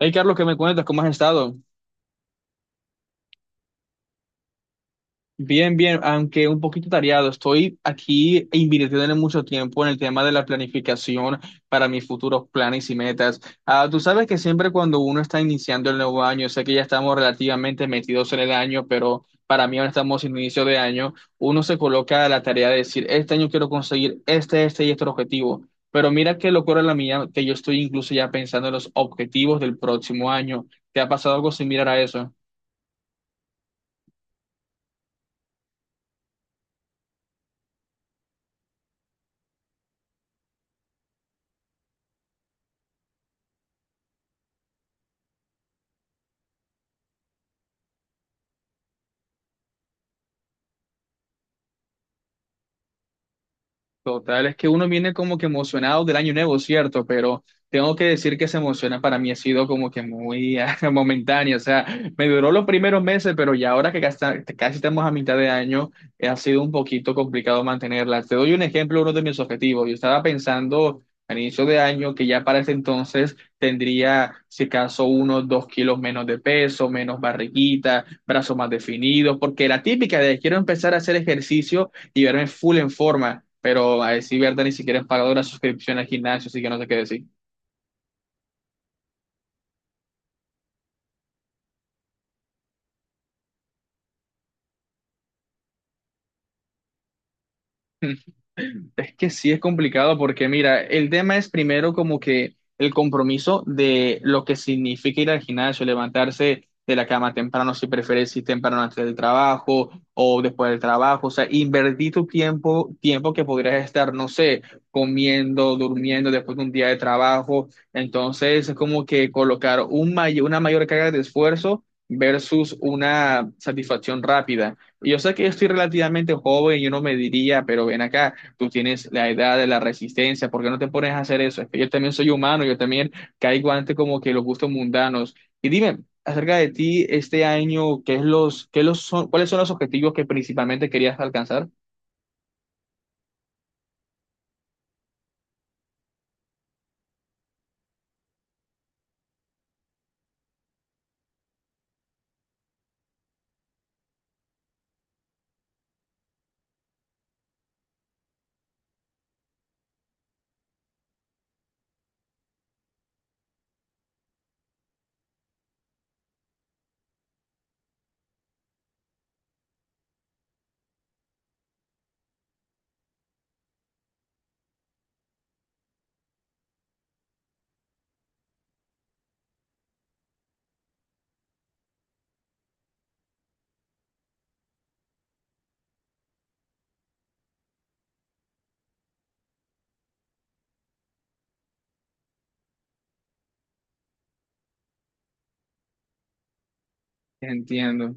Hey Carlos, ¿qué me cuentas? ¿Cómo has estado? Bien, bien, aunque un poquito tareado. Estoy aquí invirtiendo mucho tiempo en el tema de la planificación para mis futuros planes y metas. Ah, tú sabes que siempre cuando uno está iniciando el nuevo año, sé que ya estamos relativamente metidos en el año, pero para mí ahora estamos en inicio de año, uno se coloca a la tarea de decir, este año quiero conseguir este, este y este objetivo. Pero mira qué locura la mía, que yo estoy incluso ya pensando en los objetivos del próximo año. ¿Te ha pasado algo similar a eso? Total, es que uno viene como que emocionado del año nuevo, ¿cierto? Pero tengo que decir que esa emoción para mí ha sido como que muy ah, momentánea, o sea, me duró los primeros meses, pero ya ahora que casi, casi estamos a mitad de año, ha sido un poquito complicado mantenerla. Te doy un ejemplo, uno de mis objetivos. Yo estaba pensando al inicio de año que ya para ese entonces tendría, si acaso, unos dos kilos menos de peso, menos barriguita, brazos más definidos, porque la típica de quiero empezar a hacer ejercicio y verme full en forma, pero a decir verdad ni siquiera es pagado la suscripción al gimnasio, así que no sé qué decir. Es que sí es complicado porque, mira, el tema es primero como que el compromiso de lo que significa ir al gimnasio, levantarse de la cama temprano, si prefieres, si temprano antes del trabajo o después del trabajo, o sea, invertir tu tiempo, tiempo que podrías estar, no sé, comiendo, durmiendo después de un día de trabajo. Entonces, es como que colocar un una mayor carga de esfuerzo versus una satisfacción rápida. Y yo sé que estoy relativamente joven, yo no me diría, pero ven acá tú tienes la edad de la resistencia, ¿por qué no te pones a hacer eso? Es que yo también soy humano, yo también caigo ante como que los gustos mundanos. Y dime, acerca de ti este año, ¿qué es los, qué los son, ¿cuáles son los objetivos que principalmente querías alcanzar? Entiendo.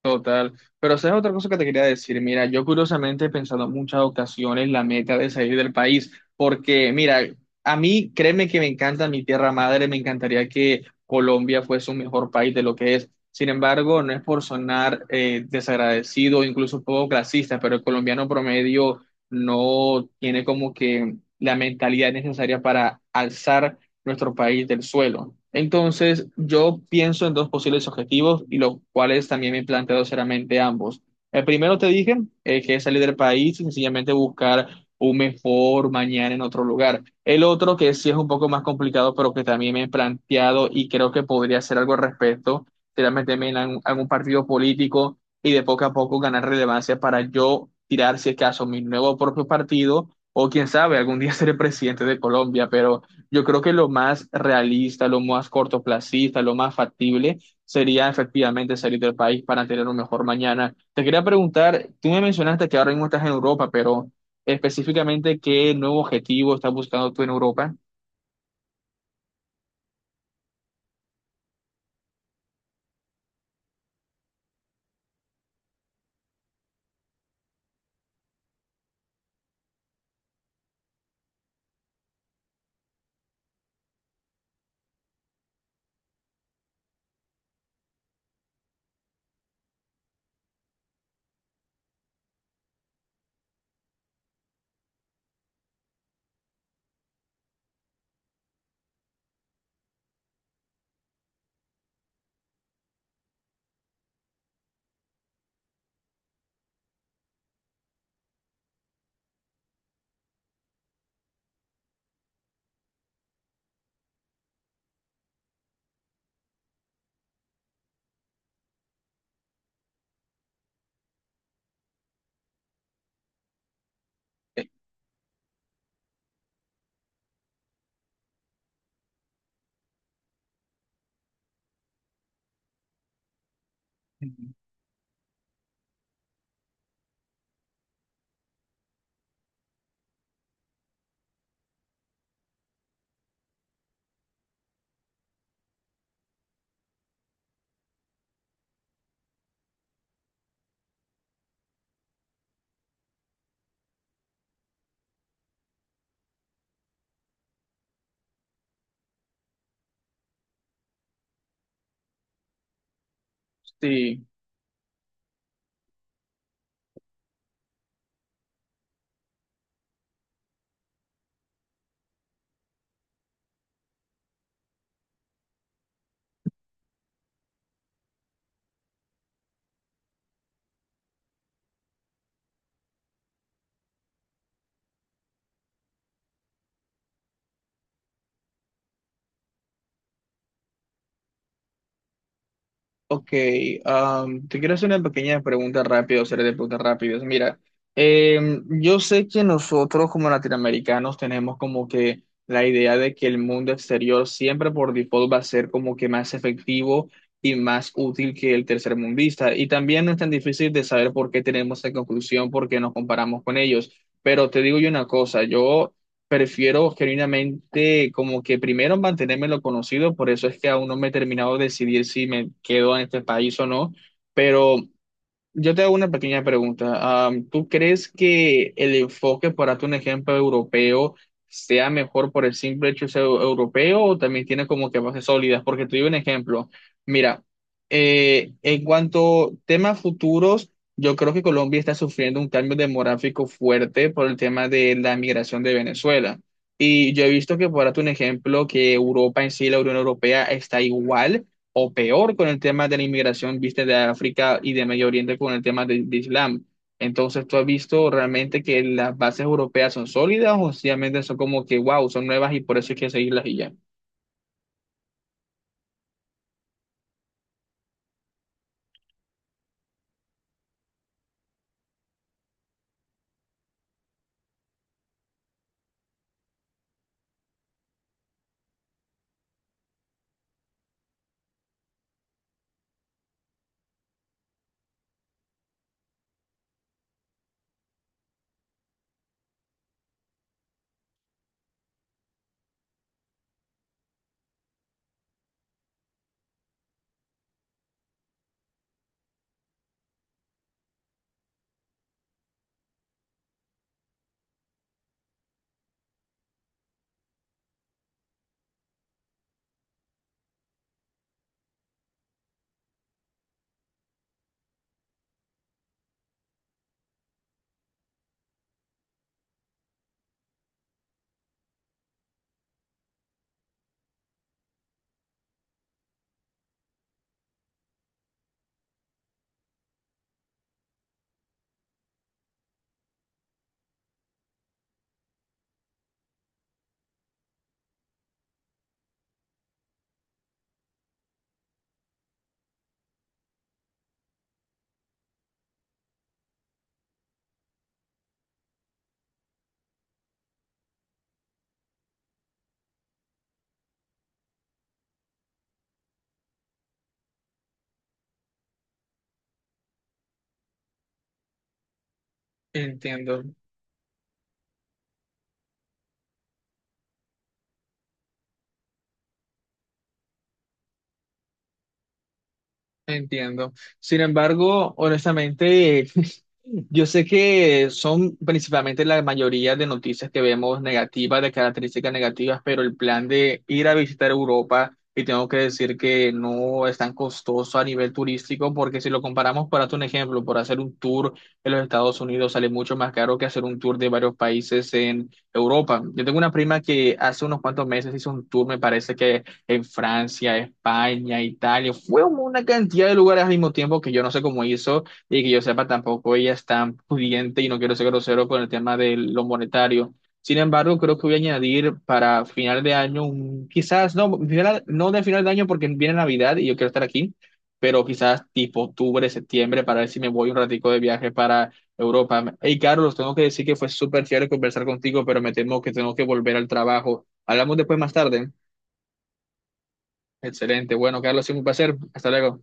Total. Pero sabes otra cosa que te quería decir. Mira, yo curiosamente he pensado en muchas ocasiones la meta de salir del país, porque mira, a mí créeme que me encanta mi tierra madre, me encantaría que Colombia fuese un mejor país de lo que es. Sin embargo, no es por sonar desagradecido o incluso un poco clasista, pero el colombiano promedio no tiene como que la mentalidad necesaria para alzar nuestro país del suelo. Entonces, yo pienso en dos posibles objetivos y los cuales también me he planteado seriamente ambos. El primero te dije que es salir del país y sencillamente buscar un mejor mañana en otro lugar. El otro, que sí es un poco más complicado, pero que también me he planteado y creo que podría hacer algo al respecto, sería meterme en algún partido político y de poco a poco ganar relevancia para yo tirar, si es caso, mi nuevo propio partido o quién sabe, algún día seré presidente de Colombia, pero... Yo creo que lo más realista, lo más cortoplacista, lo más factible sería efectivamente salir del país para tener un mejor mañana. Te quería preguntar, tú me mencionaste que ahora mismo estás en Europa, pero específicamente, ¿qué nuevo objetivo estás buscando tú en Europa? Eh, Sí. Ok, te quiero hacer una pequeña pregunta rápida, o serie de preguntas rápidas. Mira, yo sé que nosotros como latinoamericanos tenemos como que la idea de que el mundo exterior siempre por default va a ser como que más efectivo y más útil que el tercermundista. Y también no es tan difícil de saber por qué tenemos esa conclusión, porque nos comparamos con ellos. Pero te digo yo una cosa, yo prefiero genuinamente como que primero mantenerme en lo conocido, por eso es que aún no me he terminado de decidir si me quedo en este país o no, pero yo te hago una pequeña pregunta. ¿Tú crees que el enfoque, por darte un ejemplo europeo, sea mejor por el simple hecho de ser europeo o también tiene como que bases sólidas? Porque te doy un ejemplo. Mira, en cuanto a temas futuros, yo creo que Colombia está sufriendo un cambio demográfico fuerte por el tema de la migración de Venezuela. Y yo he visto que, por darte un ejemplo, que Europa en sí, la Unión Europea, está igual o peor con el tema de la inmigración, viste, de África y de Medio Oriente con el tema de Islam. Entonces, ¿tú has visto realmente que las bases europeas son sólidas o sencillamente son como que, wow, son nuevas y por eso hay que seguirlas y ya? Entiendo. Entiendo. Sin embargo, honestamente, yo sé que son principalmente la mayoría de noticias que vemos negativas, de características negativas, pero el plan de ir a visitar Europa, y tengo que decir que no es tan costoso a nivel turístico, porque si lo comparamos, por hacer un ejemplo, por hacer un tour en los Estados Unidos sale mucho más caro que hacer un tour de varios países en Europa. Yo tengo una prima que hace unos cuantos meses hizo un tour, me parece que en Francia, España, Italia, fue una cantidad de lugares al mismo tiempo que yo no sé cómo hizo y que yo sepa tampoco ella es tan pudiente y no quiero ser grosero con el tema de lo monetario. Sin embargo, creo que voy a añadir para final de año, quizás no, no de final de año porque viene Navidad y yo quiero estar aquí, pero quizás tipo octubre, septiembre, para ver si me voy un ratico de viaje para Europa. Hey, Carlos, tengo que decir que fue súper chévere conversar contigo, pero me temo que tengo que volver al trabajo. Hablamos después más tarde. Excelente. Bueno, Carlos, siempre un placer. Hasta luego.